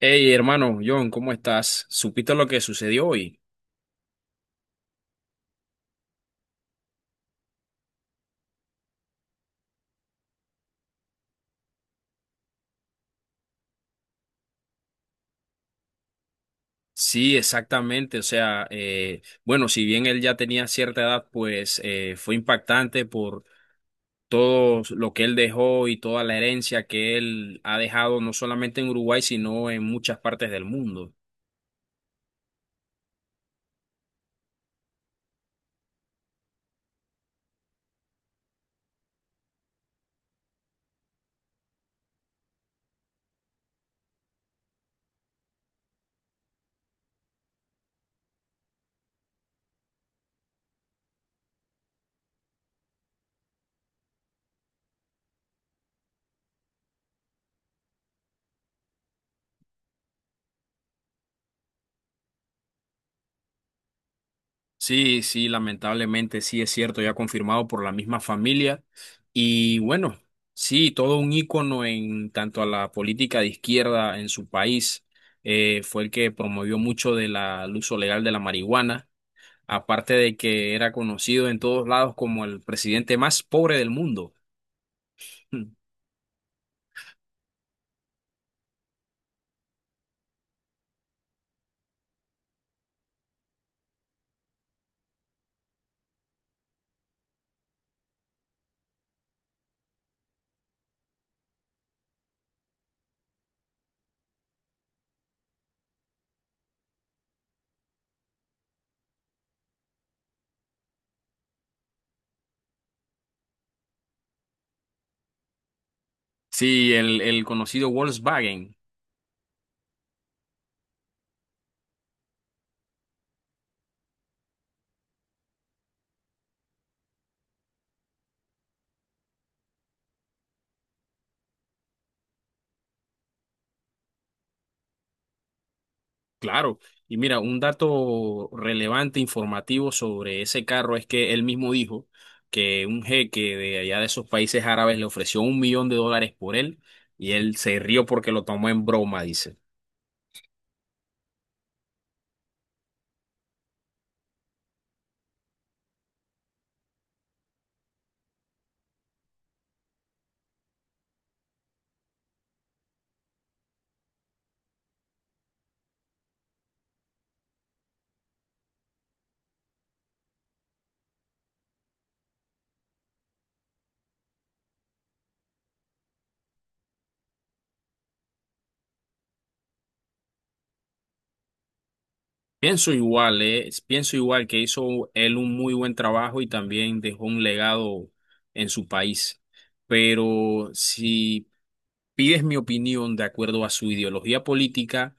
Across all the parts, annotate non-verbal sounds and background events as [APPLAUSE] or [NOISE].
Hey, hermano, John, ¿cómo estás? ¿Supiste lo que sucedió hoy? Sí, exactamente. O sea, bueno, si bien él ya tenía cierta edad, pues fue impactante por todo lo que él dejó y toda la herencia que él ha dejado, no solamente en Uruguay, sino en muchas partes del mundo. Sí, sí, lamentablemente sí es cierto, ya confirmado por la misma familia. Y bueno, sí, todo un ícono en tanto a la política de izquierda en su país. Fue el que promovió mucho de el uso legal de la marihuana, aparte de que era conocido en todos lados como el presidente más pobre del mundo. [LAUGHS] Sí, el conocido Volkswagen. Claro, y mira, un dato relevante, informativo sobre ese carro es que él mismo dijo que un jeque de allá de esos países árabes le ofreció un millón de dólares por él y él se rió porque lo tomó en broma, dice. Pienso igual que hizo él un muy buen trabajo y también dejó un legado en su país. Pero si pides mi opinión de acuerdo a su ideología política,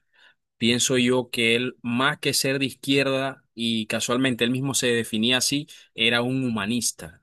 pienso yo que él, más que ser de izquierda, y casualmente él mismo se definía así, era un humanista.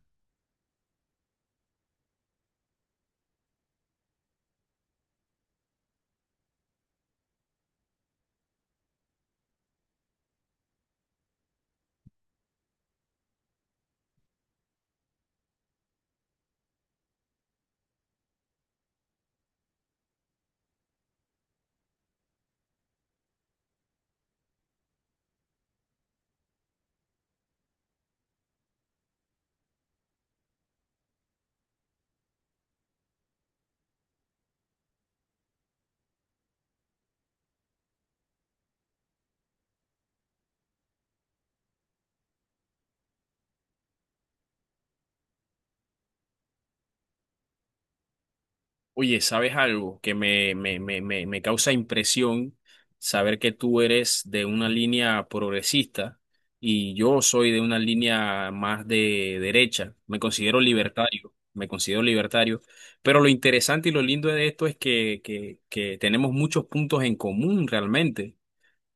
Oye, ¿sabes algo que me causa impresión? Saber que tú eres de una línea progresista y yo soy de una línea más de derecha. Me considero libertario, me considero libertario. Pero lo interesante y lo lindo de esto es que tenemos muchos puntos en común realmente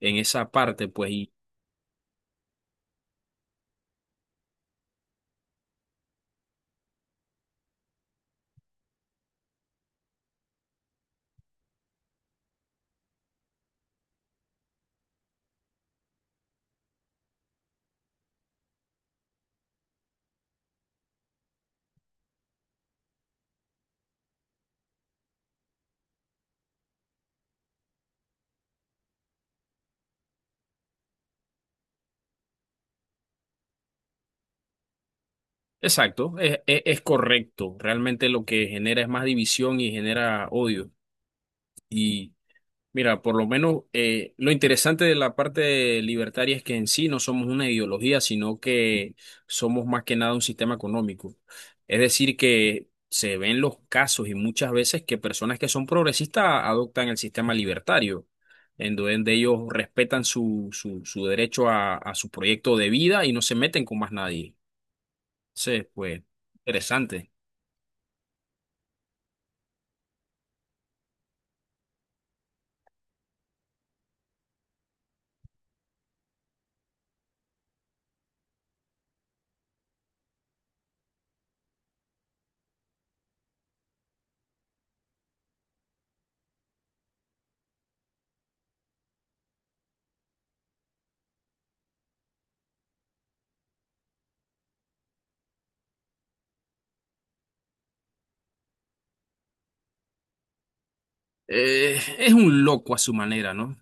en esa parte, pues. Exacto, es correcto. Realmente lo que genera es más división y genera odio. Y mira, por lo menos lo interesante de la parte libertaria es que en sí no somos una ideología, sino que somos más que nada un sistema económico. Es decir, que se ven los casos y muchas veces que personas que son progresistas adoptan el sistema libertario, en donde ellos respetan su derecho a su proyecto de vida y no se meten con más nadie. Entonces, pues, interesante. Es un loco a su manera, ¿no?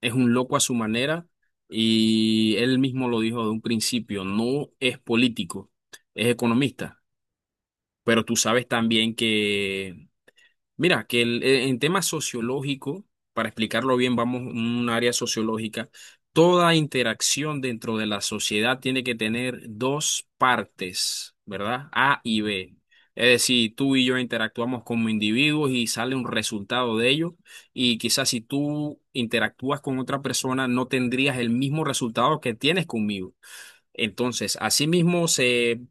Es un loco a su manera y él mismo lo dijo de un principio, no es político, es economista, pero tú sabes también que... Mira, que en tema sociológico, para explicarlo bien, vamos a un área sociológica. Toda interacción dentro de la sociedad tiene que tener dos partes, ¿verdad? A y B. Es decir, tú y yo interactuamos como individuos y sale un resultado de ello. Y quizás si tú interactúas con otra persona, no tendrías el mismo resultado que tienes conmigo. Entonces, asimismo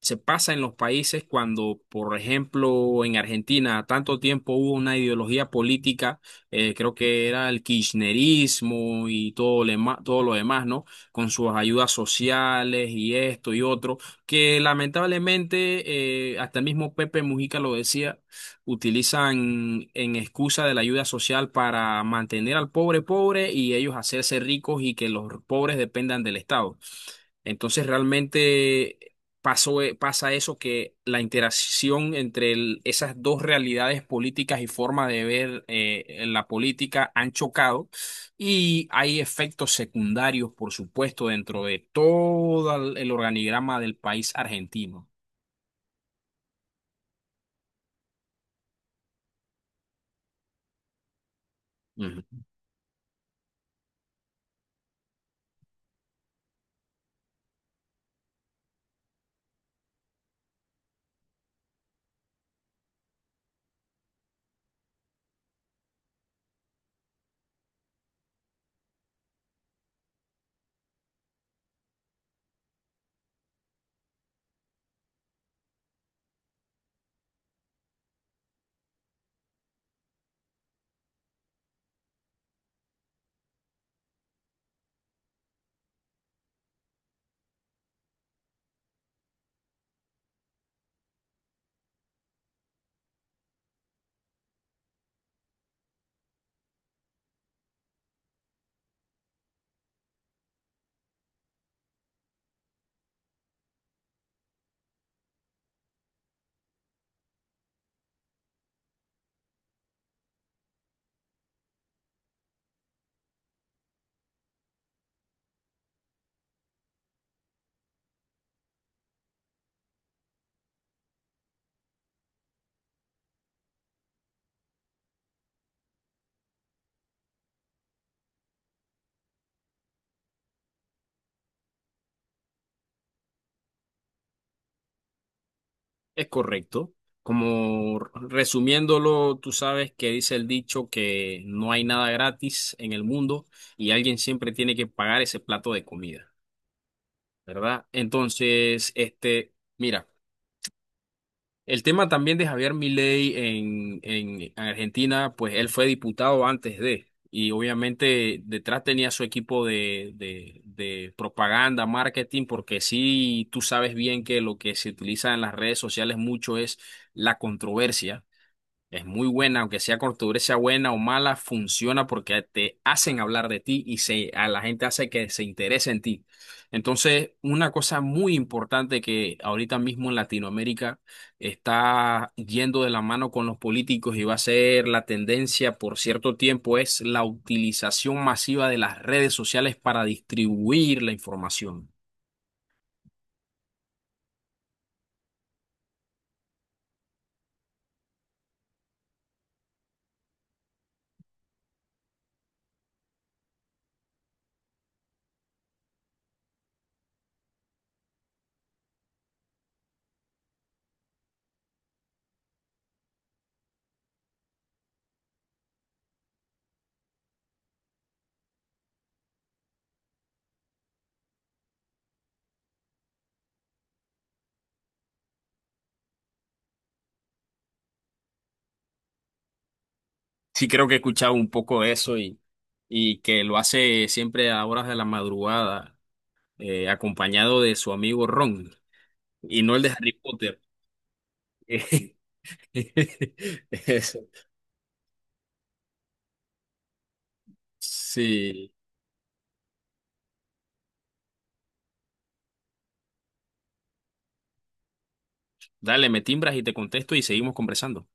se pasa en los países cuando, por ejemplo, en Argentina, tanto tiempo hubo una ideología política, creo que era el kirchnerismo y todo, todo lo demás, ¿no? Con sus ayudas sociales y esto y otro, que lamentablemente, hasta el mismo Pepe Mujica lo decía, utilizan en excusa de la ayuda social para mantener al pobre pobre y ellos hacerse ricos y que los pobres dependan del Estado. Entonces realmente pasa eso que la interacción entre esas dos realidades políticas y forma de ver la política han chocado y hay efectos secundarios, por supuesto, dentro de todo el organigrama del país argentino. Ujú. Es correcto. Como resumiéndolo, tú sabes que dice el dicho que no hay nada gratis en el mundo y alguien siempre tiene que pagar ese plato de comida, ¿verdad? Entonces, este, mira, el tema también de Javier Milei en Argentina, pues él fue diputado antes de, y obviamente detrás tenía su equipo de propaganda, marketing, porque sí, tú sabes bien que lo que se utiliza en las redes sociales mucho es la controversia es muy buena, aunque sea cortadura, sea buena o mala, funciona porque te hacen hablar de ti y se, a la gente hace que se interese en ti. Entonces, una cosa muy importante que ahorita mismo en Latinoamérica está yendo de la mano con los políticos y va a ser la tendencia por cierto tiempo es la utilización masiva de las redes sociales para distribuir la información. Sí, creo que he escuchado un poco de eso y que lo hace siempre a horas de la madrugada acompañado de su amigo Ron, y no el de Harry Potter. [LAUGHS] Eso. Sí. Dale, me timbras y te contesto y seguimos conversando.